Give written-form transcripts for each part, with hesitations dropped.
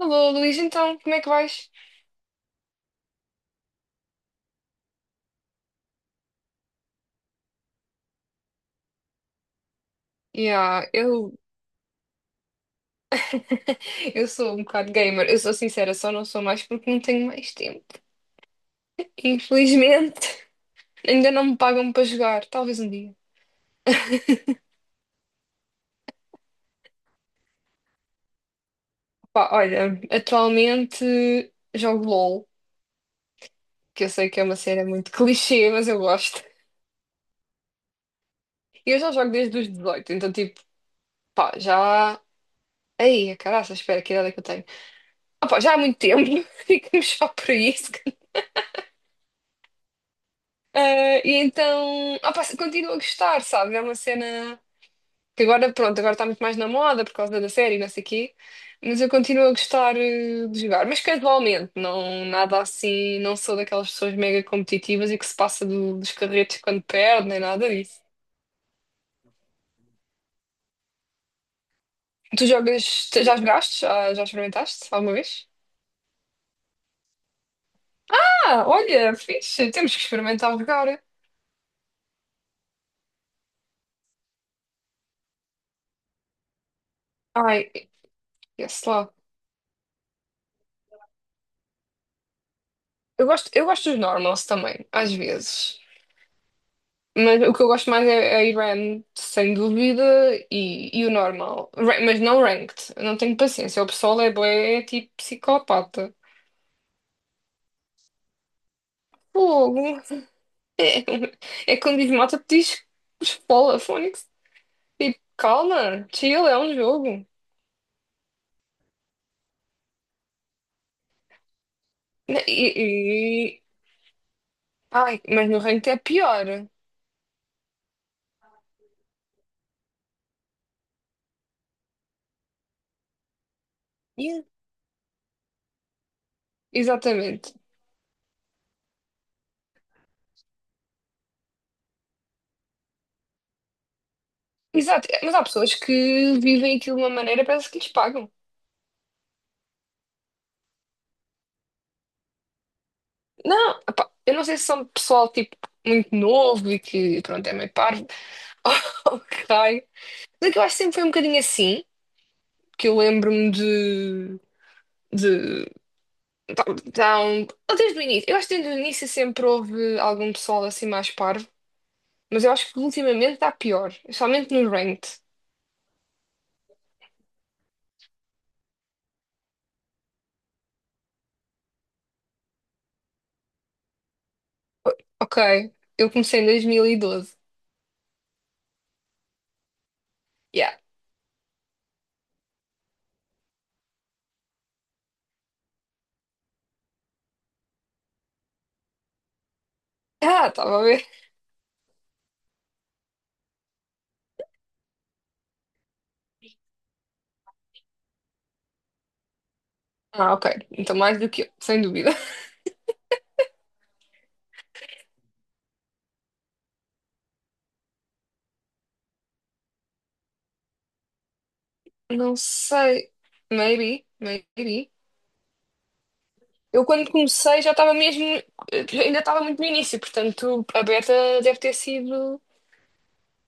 Alô, Luís, então, como é que vais? Yeah, eu sou um bocado gamer, eu sou sincera, só não sou mais porque não tenho mais tempo. Infelizmente, ainda não me pagam para jogar, talvez um dia. Pá, olha, atualmente jogo LOL, que eu sei que é uma cena muito clichê, mas eu gosto. E eu já jogo desde os 18, então tipo, pá, já... aí, caraca, espera, que idade é que eu tenho? Ah, pá, já há muito tempo, ficamos só por isso. Ah, e então, opa, continuo a gostar, sabe? É uma cena que agora, pronto, agora está muito mais na moda por causa da série, e não sei o quê, mas eu continuo a gostar, de jogar, mas casualmente, não, nada assim, não sou daquelas pessoas mega competitivas e que se passa dos carretos quando perde, nem nada disso. Tu jogas, tu já jogaste? Já experimentaste alguma vez? Ah, olha, fixe, temos que experimentar jogar. Ai, sei lá. Eu gosto dos normals também, às vezes. Mas o que eu gosto mais é ir RAM, sem dúvida, e o normal. Mas não ranked. Eu não tenho paciência. O pessoal é bué, é tipo psicopata. Fogo. É quando diz mata, diz espola, Fónix. Tipo, calma, chill, é um jogo. Ne- E, e- Ai, mas no ranked é pior. Yeah. Exatamente. Exato. Mas há pessoas que vivem aquilo de uma maneira, parece que lhes pagam. Não, epá, eu não sei se são pessoal tipo muito novo e que pronto é meio parvo. Oh, raio. Mas é que eu acho que sempre foi um bocadinho assim, que eu lembro-me de tá- tá um- desde o início. Eu acho que desde o início sempre houve algum pessoal assim mais parvo, mas eu acho que ultimamente está pior, especialmente no ranked. Ok, eu comecei em 2012. Yeah. Ah, estava a ver. Ah, ok. Então mais do que eu, sem dúvida. Não sei. Maybe, maybe. Eu quando comecei já estava mesmo, ainda estava muito no início, portanto a Beta deve ter sido,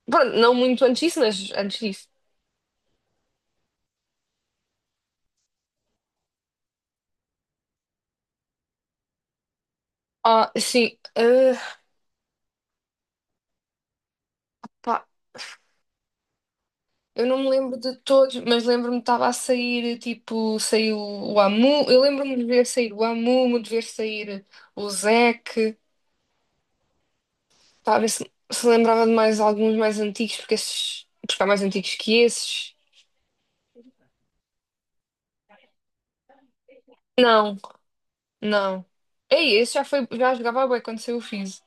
pronto, não muito antes disso, mas antes disso. Ah, sim, ah, pá, eu não me lembro de todos, mas lembro-me que estava a sair, tipo, eu lembro-me de ver sair o Amumu, de ver sair o Zeke, pá, a ver se lembrava de mais alguns mais antigos, porque esses, porque há mais antigos que esses. Não, não. Ei, esse já foi, já jogava bué quando saiu o Fizz.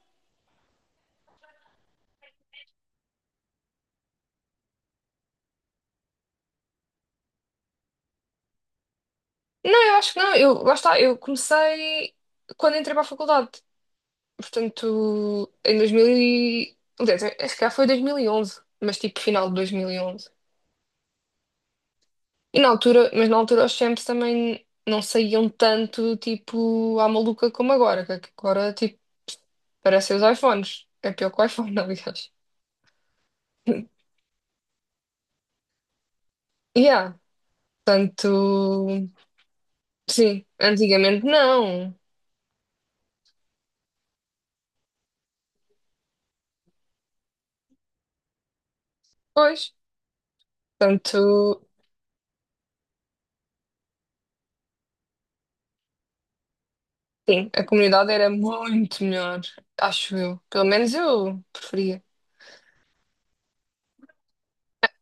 Não, eu acho que não. Eu, lá está, eu comecei quando entrei para a faculdade. Portanto, em 2000 e... Aliás, é, acho que já foi dois mil e onze, mas tipo final de 2011. E onze. Mas na altura os champs também não saíam tanto, tipo, à maluca como agora. Que agora, tipo, parecem os iPhones. É pior que o iPhone, aliás. Yeah, tanto... sim, antigamente não. Pois, tanto... sim, a comunidade era muito melhor, acho eu. Pelo menos eu preferia.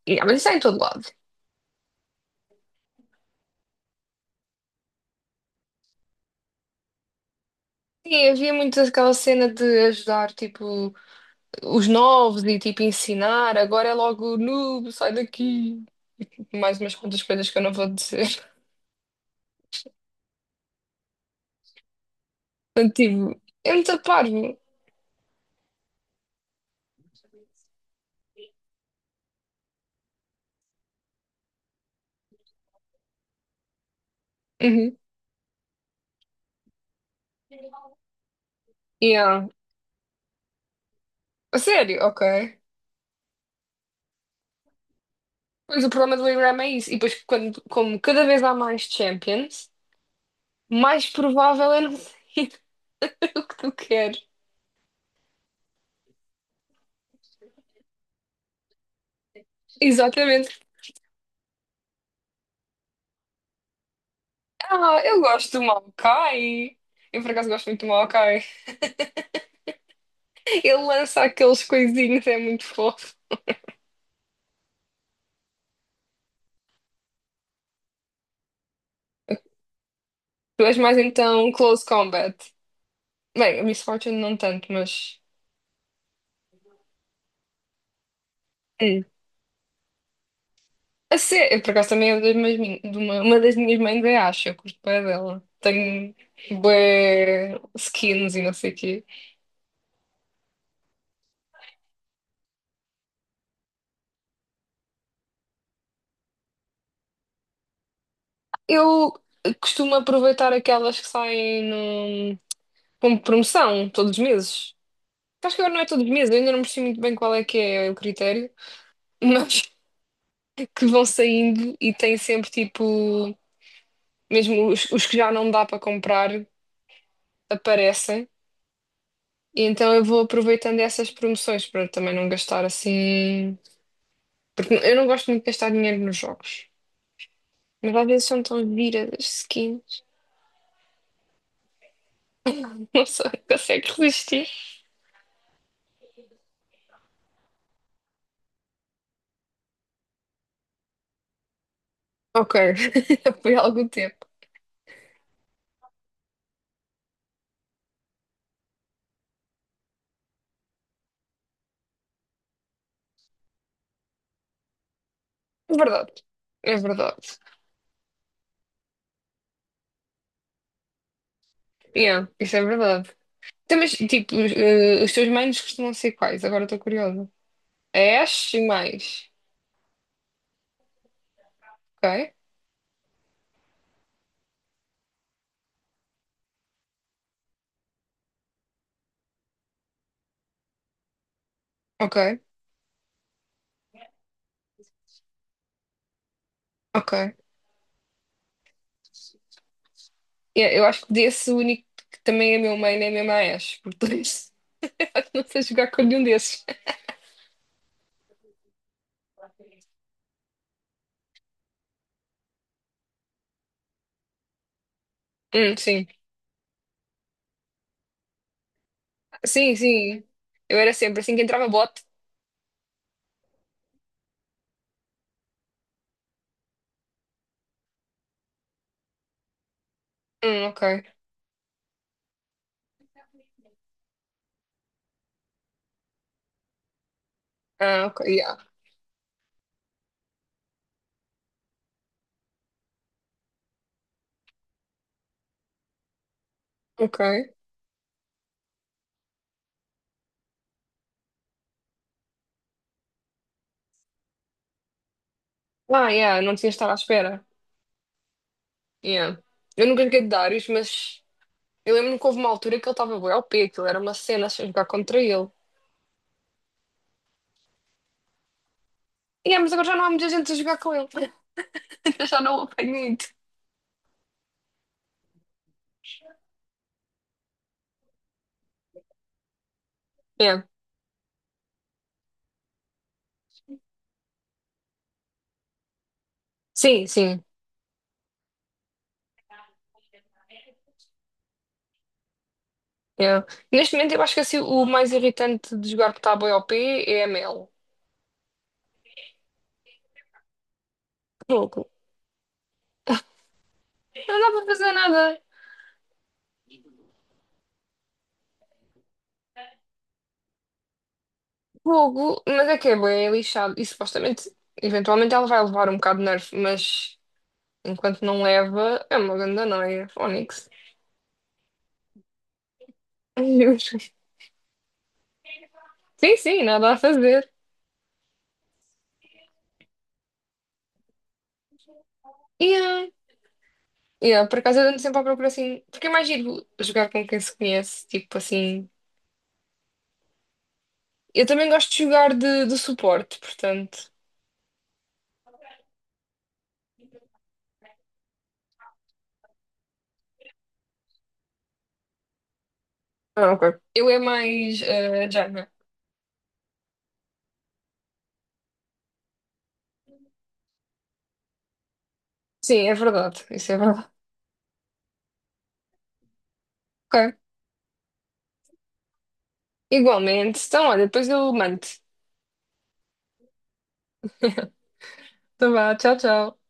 E, mas isso é em todo lado. Sim, havia muito aquela cena de ajudar, tipo, os novos e, tipo, ensinar. Agora é logo, noob, sai daqui. Mais umas quantas coisas que eu não vou dizer. Portanto, tipo, é muito parvo. Uhum. Yeah. A sério? Ok. Pois o problema do Ingram é isso. E depois, como cada vez há mais champions, mais provável é não ser o que tu queres. Exatamente. Ah, eu gosto do Maokai. Eu por acaso gosto muito do Maokai. Ele lança aqueles coisinhos, é muito fofo. Tu és mais então Close Combat. Bem, a Miss Fortune não tanto, mas. Hum. A ser, eu por acaso também é uma das minhas, de uma das minhas mangas, acho. Eu curto bem dela. Tenho bué skins e não sei o quê. Eu costumo aproveitar aquelas que saem no, como promoção todos os meses. Acho que agora não é todos os meses, eu ainda não percebi muito bem qual é que é o critério. Mas que vão saindo e tem sempre tipo, mesmo os que já não dá para comprar aparecem. E então eu vou aproveitando essas promoções para também não gastar assim. Porque eu não gosto muito de gastar dinheiro nos jogos. Mas às vezes são tão giras as skins. Não sei, consegue resistir. Ok, foi há algum tempo. É verdade, é verdade. Yeah, isso é verdade. Então, mas, tipo, os teus manos costumam ser quais? Agora estou curiosa. A Ash e mais. Ok, ok, ok. É, eu acho que desse o único que também é meu main é mesmo a Ashe, portanto não sei jogar com nenhum desses. Sim. Sim, sim. Eu era sempre assim que entrava bot. Ok. Ah, ok, yeah. Ok. Ah, yeah, não tinha estado à espera. Yeah. Eu nunca joguei de Darius, mas eu lembro-me que houve uma altura que ele estava bué O P, aquilo era uma cena a jogar contra ele. Yeah, mas agora já não há muita gente a jogar com ele. Eu já não o apanho muito. Yeah. Sim, sim. Yeah. Neste momento eu acho que assim, o mais irritante de jogar que está bué O P é a Mel. Fogo. Não dá para fazer nada. Fogo. Mas é que é bem lixado. E supostamente, eventualmente ela vai levar um bocado de nerf, mas enquanto não leva, é uma grande noia. Fónix. Sim, sim, nada a fazer. E por acaso eu ando sempre à procura assim. Porque é mais giro jogar com quem se conhece. Tipo assim. Eu também gosto de jogar de suporte, portanto. Ah, ok. Eu é mais. Sim, é verdade. Isso é verdade. Ok. Igualmente. Então, olha, depois eu mando. Então vá, tchau, tchau.